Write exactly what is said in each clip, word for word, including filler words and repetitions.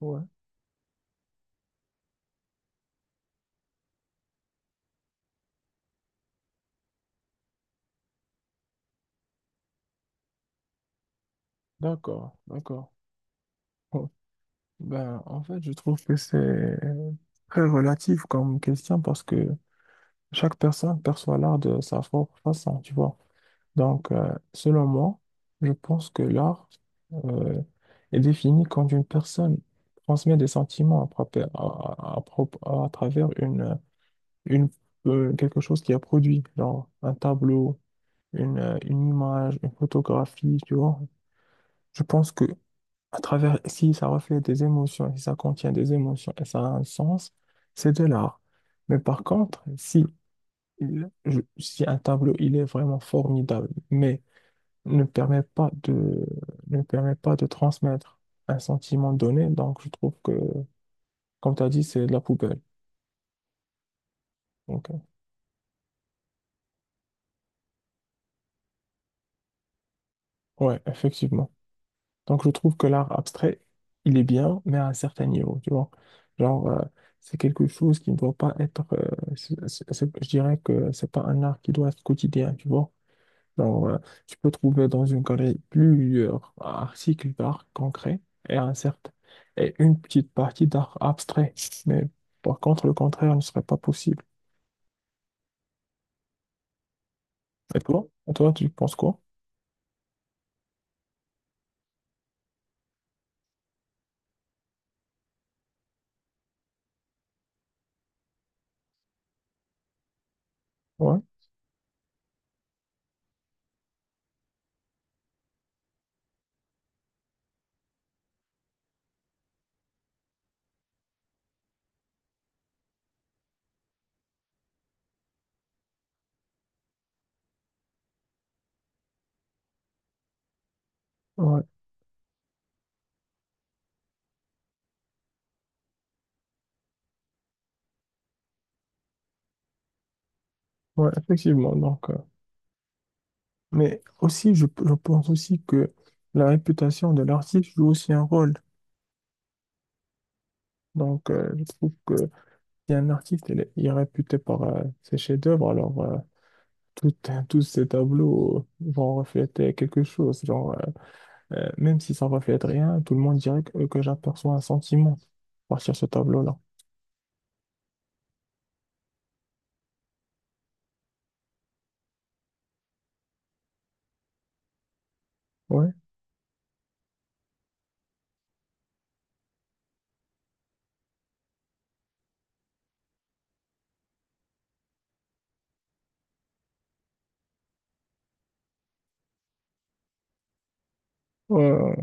Ouais, d'accord, d'accord. Bon, ben, en fait, je trouve que c'est très relatif comme question parce que chaque personne perçoit l'art de sa propre façon, tu vois. Donc, euh, selon moi, je pense que l'art euh, est défini quand une personne transmet des sentiments à, propre- à- à- à propre- à travers une, une, euh, quelque chose qui a produit, genre un tableau, une, euh, une image, une photographie, tu vois. Je pense que. À travers, si ça reflète des émotions, si ça contient des émotions et ça a un sens, c'est de l'art. Mais par contre, si, il- je- si un tableau, il est vraiment formidable, mais ne permet pas de, ne permet pas de transmettre un sentiment donné, donc je trouve que, comme tu as dit, c'est de la poubelle. Donc, euh, ouais, effectivement. Donc je trouve que l'art abstrait, il est bien, mais à un certain niveau, tu vois. Genre, euh, c'est quelque chose qui ne doit pas être, euh, c'est- c'est- c'est- je dirais que c'est pas un art qui doit être quotidien, tu vois. Genre, euh, tu peux trouver dans une galerie plusieurs articles d'art concret et un certain, et une petite partie d'art abstrait. Mais par contre, le contraire ne serait pas possible. Et toi? Et toi, tu penses quoi? Ouais, ouais, ouais, effectivement. Donc, euh, Mais aussi, je, je pense aussi que la réputation de l'artiste joue aussi un rôle. Donc, euh, je trouve que si un artiste il est, il est réputé par euh, ses chefs-d'œuvre, alors euh, tout- tous ses tableaux vont refléter quelque chose. Genre, euh, euh, même si ça ne reflète rien, tout le monde dirait que, que j'aperçois un sentiment à partir de ce tableau-là. Ouais. Euh,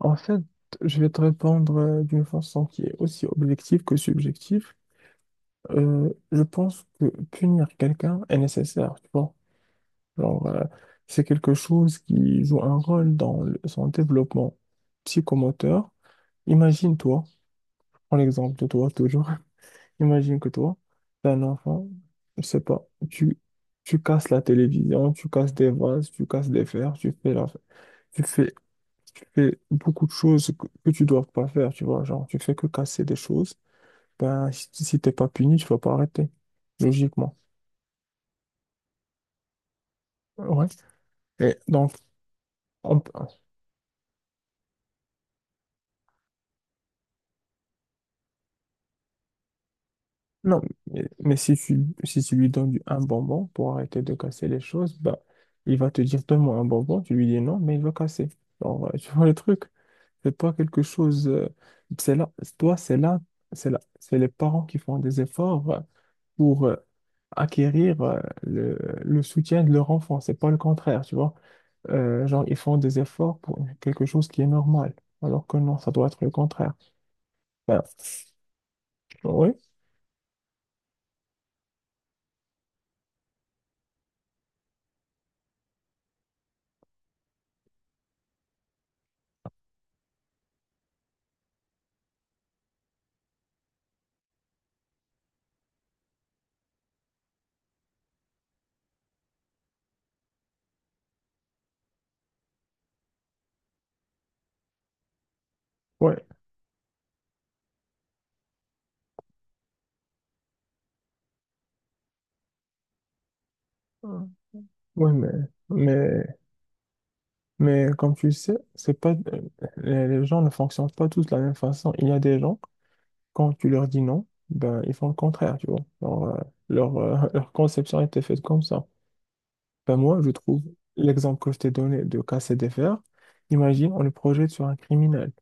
En fait, je vais te répondre euh, d'une façon qui est aussi objective que subjective. Euh, je pense que punir quelqu'un est nécessaire, tu vois. Genre, euh, c'est quelque chose qui joue un rôle dans le- son développement psychomoteur. Imagine-toi, prends l'exemple de toi toujours. Imagine que toi, t'es un enfant, je sais pas, tu, tu casses la télévision, tu casses des vases, tu casses des verres, tu fais la, tu fais tu fais beaucoup de choses que, que tu dois pas faire, tu vois, genre tu fais que casser des choses, ben si, si t'es pas puni, tu vas pas arrêter, logiquement. Ouais. Et donc, on peut- non, mais, mais si tu, si tu lui donnes du- un bonbon pour arrêter de casser les choses, ben il va te dire donne-moi un bonbon, tu lui dis non, mais il va casser. Genre, euh, tu vois le truc, c'est pas quelque chose, euh, C'est là, toi, c'est là, c'est là, c'est les parents qui font des efforts. euh, pour euh, acquérir euh, le, le soutien de leur enfant. C'est pas le contraire, tu vois. Euh, genre, ils font des efforts pour quelque chose qui est normal, alors que non, ça doit être le contraire. Ben, oui, ouais, oui, mais, mais, mais comme tu sais, c'est pas, euh, les les gens ne fonctionnent pas tous de la même façon. Il y a des gens, quand tu leur dis non, ben, ils font le contraire, tu vois. Leur, euh, leur, euh, leur conception était faite comme ça. Ben moi, je trouve l'exemple que je t'ai donné de casser des fers. Imagine, on le projette sur un criminel,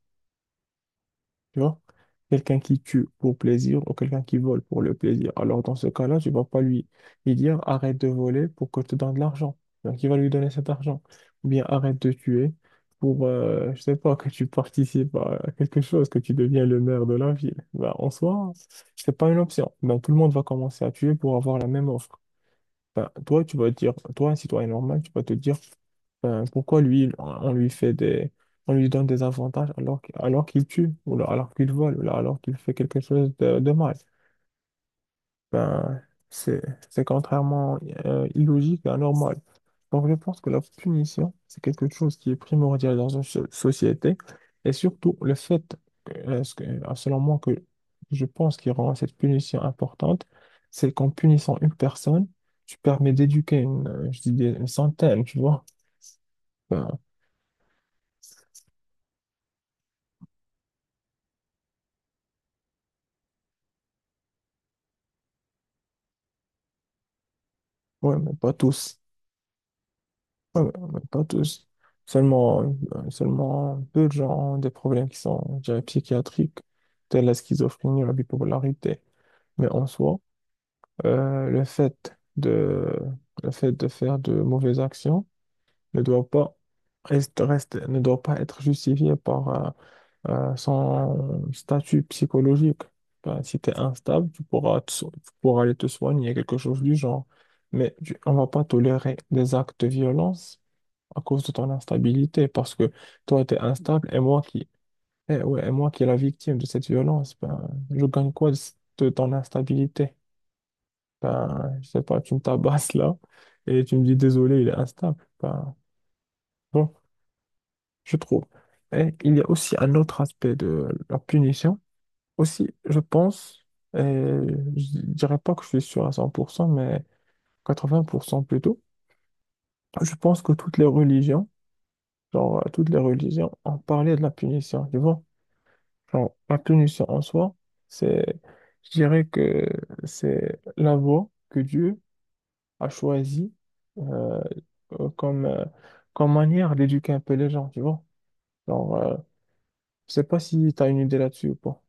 tu vois? Quelqu'un qui tue pour plaisir ou quelqu'un qui vole pour le plaisir. Alors, dans ce cas-là, tu vas pas lui, lui dire arrête de voler pour que je te donne de l'argent. Donc, il va lui donner cet argent. Ou bien arrête de tuer pour, euh, je sais pas, que tu participes à quelque chose, que tu deviens le maire de la ville. Ben, en soi, c'est pas une option. Ben, tout le monde va commencer à tuer pour avoir la même offre. Enfin, toi, tu vas te dire, toi, un citoyen normal, tu vas te dire, enfin, pourquoi lui, on lui fait des, on lui donne des avantages alors, qu'- alors qu'il tue, ou là, alors qu'il vole, ou là, alors qu'il fait quelque chose de, de mal. Ben, c'est, c'est contrairement euh, illogique et anormal. Donc, je pense que la punition, c'est quelque chose qui est primordial dans une so- société. Et surtout, le fait, euh, ce que- euh, selon moi, que je pense qui rend cette punition importante, c'est qu'en punissant une personne, tu permets d'éduquer une, euh, je dis des- une centaine, tu vois. Enfin, ouais, mais pas tous. Ouais, mais mais pas tous. Seulement, euh, seulement peu de gens ont des problèmes qui sont, je dirais, psychiatriques, tels la schizophrénie ou la bipolarité. Mais en soi, Euh, le fait de, le fait de faire de mauvaises actions ne doit pas, reste, reste- ne doit pas être justifié par euh, euh, son statut psychologique. Ben, si tu es instable, tu pourras, te so- tu pourras aller te soigner, quelque chose du genre. Mais tu- on va pas tolérer des actes de violence à cause de ton instabilité, parce que toi, tu es instable et moi qui, eh ouais, et moi qui est la victime de cette violence, ben, je gagne quoi de de ton instabilité? Ben, je sais pas, tu me tabasses là et tu me dis désolé, il est instable. Ben, bon, je trouve. Et il y a aussi un autre aspect de la punition. Aussi, je pense, et je dirais pas que je suis sûr à cent pour cent mais quatre-vingts pour cent plutôt. Je pense que toutes les religions, genre, euh, toutes les religions ont parlé de la punition, tu vois. Genre, la punition en soi, c'est, je dirais que c'est la voie que Dieu a choisie euh, euh, comme, euh, comme manière d'éduquer un peu les gens, tu vois. Genre, euh, je sais pas si tu as une idée là-dessus ou pas.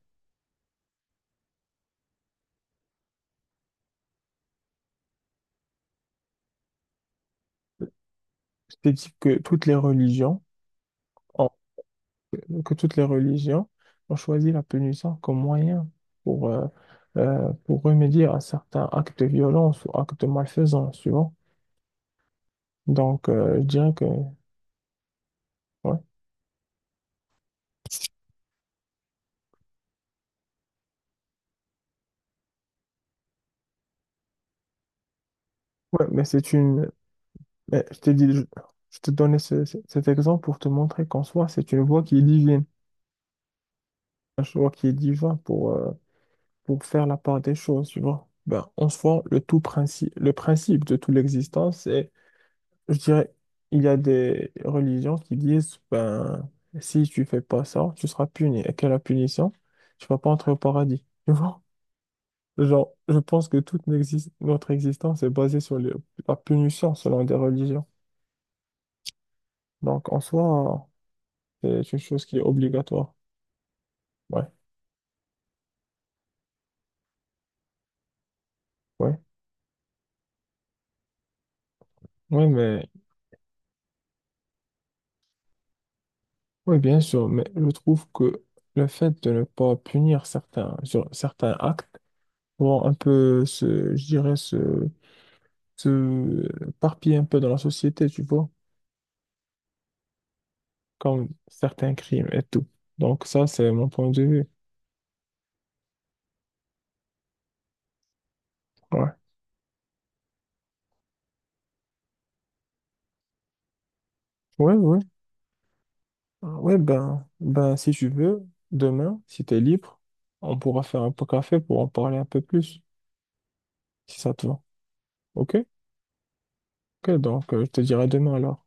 Je t'ai dit que toutes les religions ont, que toutes les religions ont choisi la punition comme moyen pour, euh, euh, pour remédier à certains actes de violence ou actes de malfaisance, tu vois. Donc, euh, je dirais que, ouais. Ouais, mais c'est une. Mais je t'ai dit, je, je te donnais ce- ce- cet exemple pour te montrer qu'en soi, c'est une voie qui est divine, un choix qui est divin pour, euh, pour faire la part des choses, tu vois. Ben, en soi, le tout principe, le principe de toute l'existence, c'est, je dirais, il y a des religions qui disent, ben, si tu fais pas ça, tu seras puni. Et quelle est la punition? Tu vas pas entrer au paradis, tu vois. Genre, je pense que toute n'exis- notre existence est basée sur le- la punition selon des religions. Donc, en soi, c'est une chose qui est obligatoire. Ouais, ouais, ouais, mais oui, bien sûr, mais je trouve que le fait de ne pas punir certains, sur certains actes vont un peu se, je dirais, se, se parpiller un peu dans la société, tu vois, comme certains crimes et tout. Donc ça, c'est mon point de vue. Ouais. Ouais, ouais. Ouais, ben, ben, si tu veux, demain, si t'es libre, on pourra faire un peu café pour en parler un peu plus, si ça te va. OK? OK, donc euh, je te dirai demain alors.